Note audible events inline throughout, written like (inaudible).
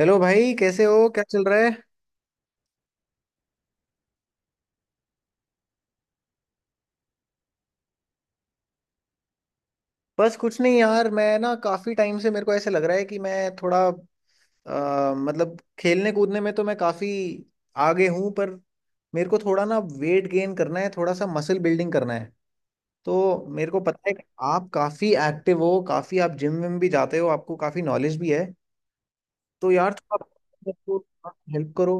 Hello भाई, कैसे हो? क्या चल रहा है? बस कुछ नहीं यार, मैं ना काफी टाइम से मेरे को ऐसे लग रहा है कि मैं थोड़ा मतलब खेलने कूदने में तो मैं काफी आगे हूँ, पर मेरे को थोड़ा ना वेट गेन करना है, थोड़ा सा मसल बिल्डिंग करना है। तो मेरे को पता है कि आप काफी एक्टिव हो, काफी आप जिम विम भी जाते हो, आपको काफी नॉलेज भी है। तो यार थोड़ा हेल्प करो।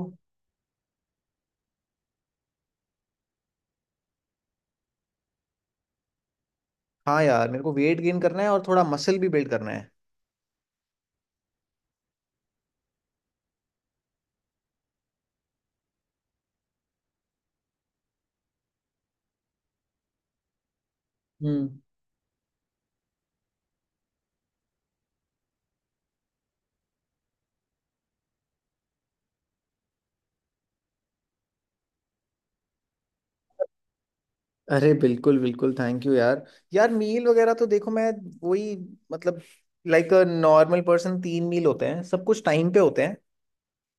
हाँ यार, मेरे को वेट गेन करना है और थोड़ा मसल भी बिल्ड करना है। हम्म। अरे बिल्कुल बिल्कुल, थैंक यू यार। यार मील वगैरह तो देखो, मैं वही मतलब लाइक अ नॉर्मल पर्सन तीन मील होते हैं, सब कुछ टाइम पे होते हैं।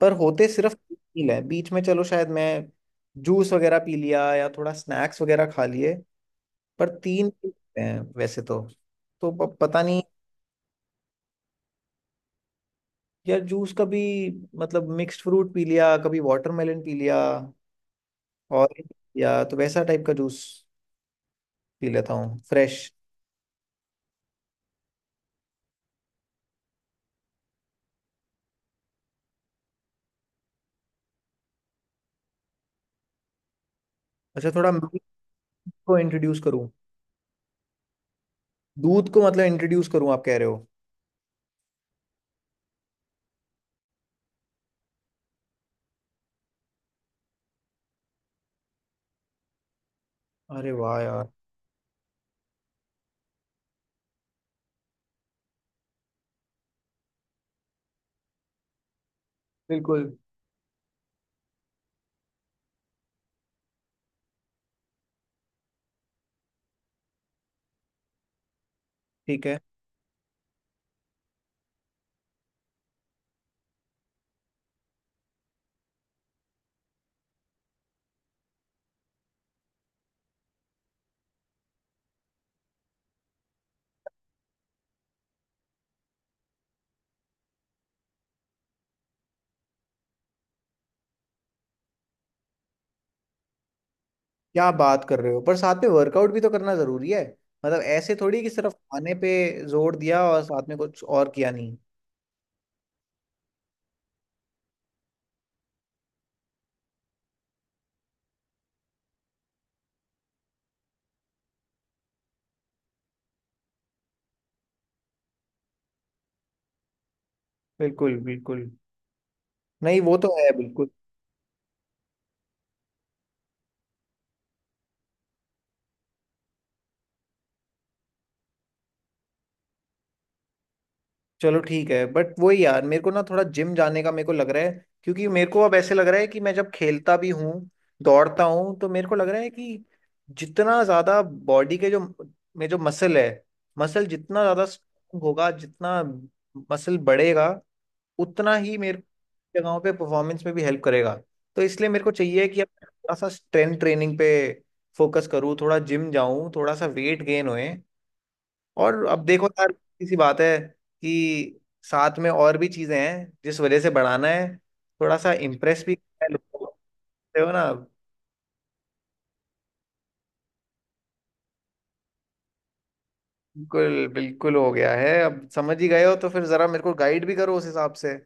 पर होते सिर्फ तीन मील है, बीच में चलो शायद मैं जूस वगैरह पी लिया या थोड़ा स्नैक्स वगैरह खा लिए, पर तीन meal होते हैं वैसे तो। तो पता नहीं। यार जूस कभी मतलब मिक्स्ड फ्रूट पी लिया, कभी वाटरमेलन पी लिया, ऑरेंज पी लिया, तो वैसा टाइप का जूस पी लेता हूँ फ्रेश। अच्छा, थोड़ा milk को इंट्रोड्यूस करूँ? दूध को मतलब इंट्रोड्यूस करूँ आप कह रहे हो? अरे वाह यार, बिल्कुल ठीक है। क्या बात कर रहे हो! पर साथ में वर्कआउट भी तो करना जरूरी है। मतलब ऐसे थोड़ी कि सिर्फ खाने पे जोर दिया और साथ में कुछ और किया नहीं। बिल्कुल बिल्कुल। नहीं, वो तो है बिल्कुल। चलो ठीक है, बट वही यार, मेरे को ना थोड़ा जिम जाने का मेरे को लग रहा है। क्योंकि मेरे को अब ऐसे लग रहा है कि मैं जब खेलता भी हूँ, दौड़ता हूँ, तो मेरे को लग रहा है कि जितना ज्यादा बॉडी के जो में जो मसल है, मसल जितना ज्यादा स्ट्रांग होगा, जितना मसल बढ़ेगा, उतना ही मेरे जगहों पे परफॉर्मेंस में भी हेल्प करेगा। तो इसलिए मेरे को चाहिए कि अब थोड़ा सा स्ट्रेंथ ट्रेनिंग पे फोकस करूँ, थोड़ा जिम जाऊँ, थोड़ा सा वेट गेन होए। और अब देखो यार, किसी बात है कि साथ में और भी चीजें हैं जिस वजह से बढ़ाना है, थोड़ा सा इम्प्रेस भी करना है लोगों को। समझते हो ना? बिल्कुल बिल्कुल हो गया है। अब समझ ही गए हो तो फिर जरा मेरे को गाइड भी करो उस हिसाब से। (laughs)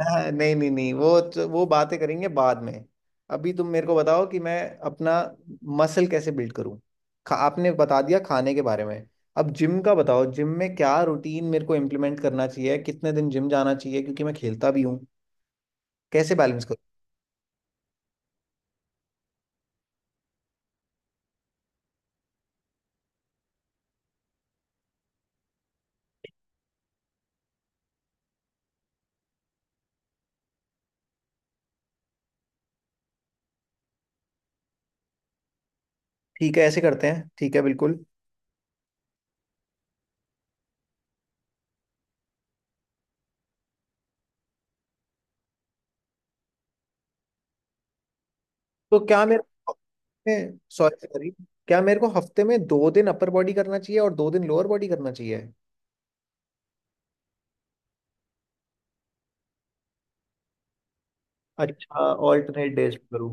हाँ, नहीं नहीं नहीं वो बातें करेंगे बाद में। अभी तुम मेरे को बताओ कि मैं अपना मसल कैसे बिल्ड करूं। आपने बता दिया खाने के बारे में, अब जिम का बताओ। जिम में क्या रूटीन मेरे को इम्प्लीमेंट करना चाहिए, कितने दिन जिम जाना चाहिए, क्योंकि मैं खेलता भी हूँ। कैसे बैलेंस? ठीक है, ऐसे करते हैं, ठीक है बिल्कुल। तो क्या मेरे को सॉरी सॉरी, क्या मेरे को हफ्ते में दो दिन अपर बॉडी करना चाहिए और दो दिन लोअर बॉडी करना चाहिए? अच्छा, ऑल्टरनेट डेज करूँ?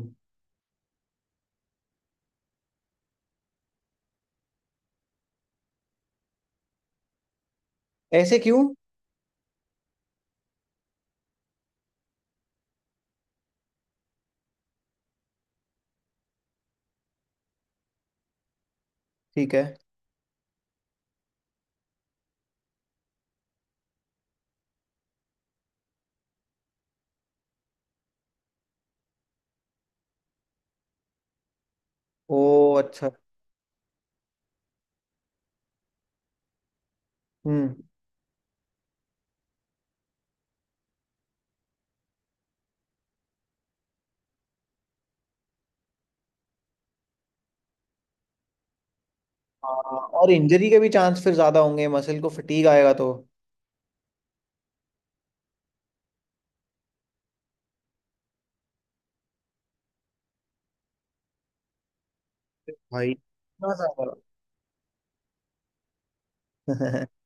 ऐसे क्यों? ठीक है। ओ अच्छा। हम्म। हाँ, और इंजरी के भी चांस फिर ज्यादा होंगे, मसल को फटीग आएगा तो। भाई इतना ज्यादा। (laughs)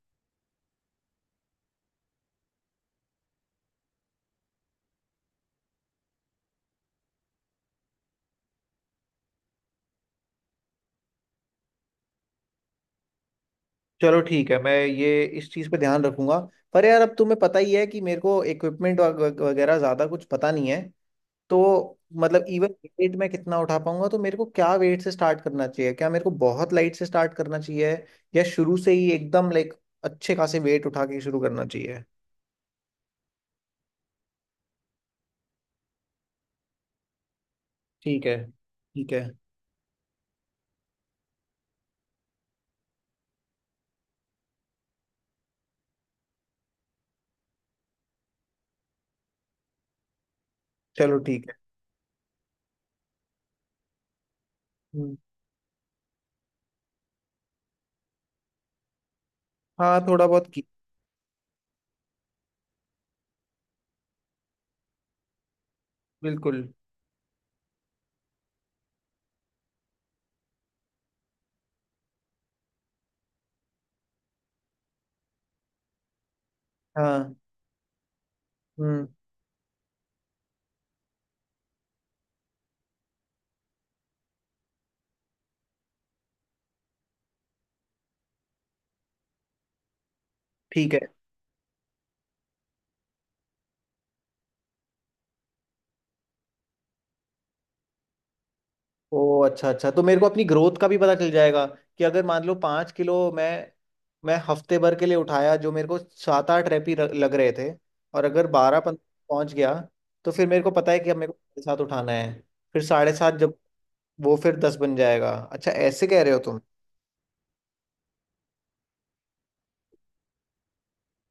चलो ठीक है, मैं ये इस चीज पे ध्यान रखूंगा। पर यार, अब तुम्हें पता ही है कि मेरे को इक्विपमेंट वगैरह ज्यादा कुछ पता नहीं है। तो मतलब इवन वेट मैं कितना उठा पाऊंगा, तो मेरे को क्या वेट से स्टार्ट करना चाहिए? क्या मेरे को बहुत लाइट से स्टार्ट करना चाहिए या शुरू से ही एकदम लाइक अच्छे खासे वेट उठा के शुरू करना चाहिए? ठीक है ठीक है। चलो ठीक है। हम्म। हाँ, थोड़ा बहुत की। बिल्कुल। हाँ। हम्म। ठीक है। ओ अच्छा अच्छा, तो मेरे को अपनी ग्रोथ का भी पता चल जाएगा। कि अगर मान लो 5 किलो मैं, हफ्ते भर के लिए उठाया, जो मेरे को 7 8 लग रहे थे, और अगर 12 15 पहुंच गया, तो फिर मेरे को पता है कि अब मेरे को 7.5 उठाना है। फिर 7.5 जब, वो फिर 10 बन जाएगा। अच्छा ऐसे कह रहे हो तुम?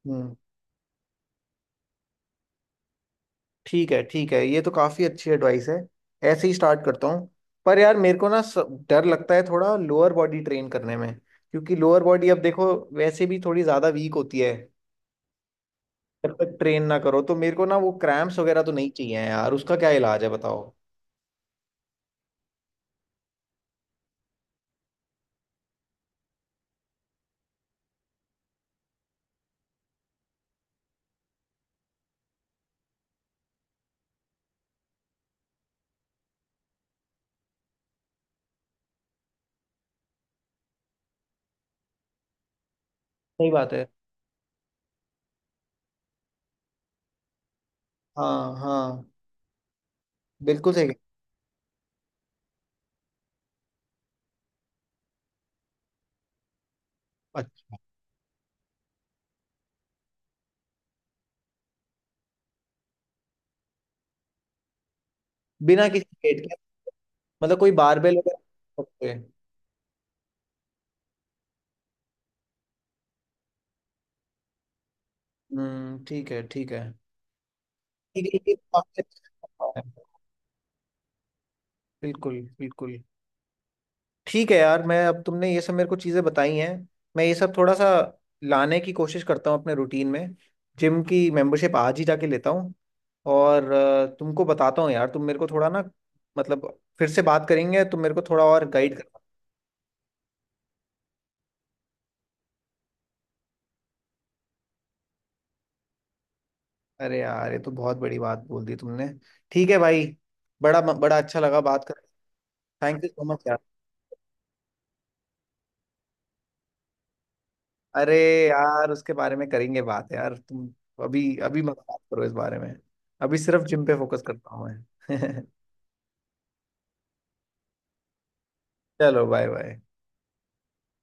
हम्म। ठीक है ठीक है, ये तो काफ़ी अच्छी एडवाइस है। ऐसे ही स्टार्ट करता हूँ। पर यार मेरे को ना डर लगता है थोड़ा लोअर बॉडी ट्रेन करने में। क्योंकि लोअर बॉडी, अब देखो, वैसे भी थोड़ी ज़्यादा वीक होती है जब तक ट्रेन ना करो। तो मेरे को ना वो क्रैम्प्स वगैरह तो नहीं चाहिए हैं यार, उसका क्या इलाज है, बताओ? सही बात है। हाँ हाँ। बिल्कुल सही। अच्छा, बिना किसी पेट के, मतलब कोई बारबेल वगैरह नहीं रख सकते हैं? ठीक है ठीक है। ठीक है, ये काफी अच्छा है। बिल्कुल बिल्कुल। ठीक है यार, मैं अब, तुमने ये सब मेरे को चीज़ें बताई हैं, मैं ये सब थोड़ा सा लाने की कोशिश करता हूँ अपने रूटीन में। जिम की मेंबरशिप आज ही जाके लेता हूँ। और तुमको बताता हूँ यार, तुम मेरे को थोड़ा ना मतलब फिर से बात करेंगे, तुम मेरे को थोड़ा और गाइड कर। अरे यार, ये तो बहुत बड़ी बात बोल दी तुमने। ठीक है भाई। बड़ा बड़ा अच्छा लगा बात कर। थैंक यू सो मच यार। अरे यार, उसके बारे में करेंगे बात यार, तुम अभी अभी मत बात करो इस बारे में। अभी सिर्फ जिम पे फोकस करता हूँ मैं। (laughs) चलो बाय बाय।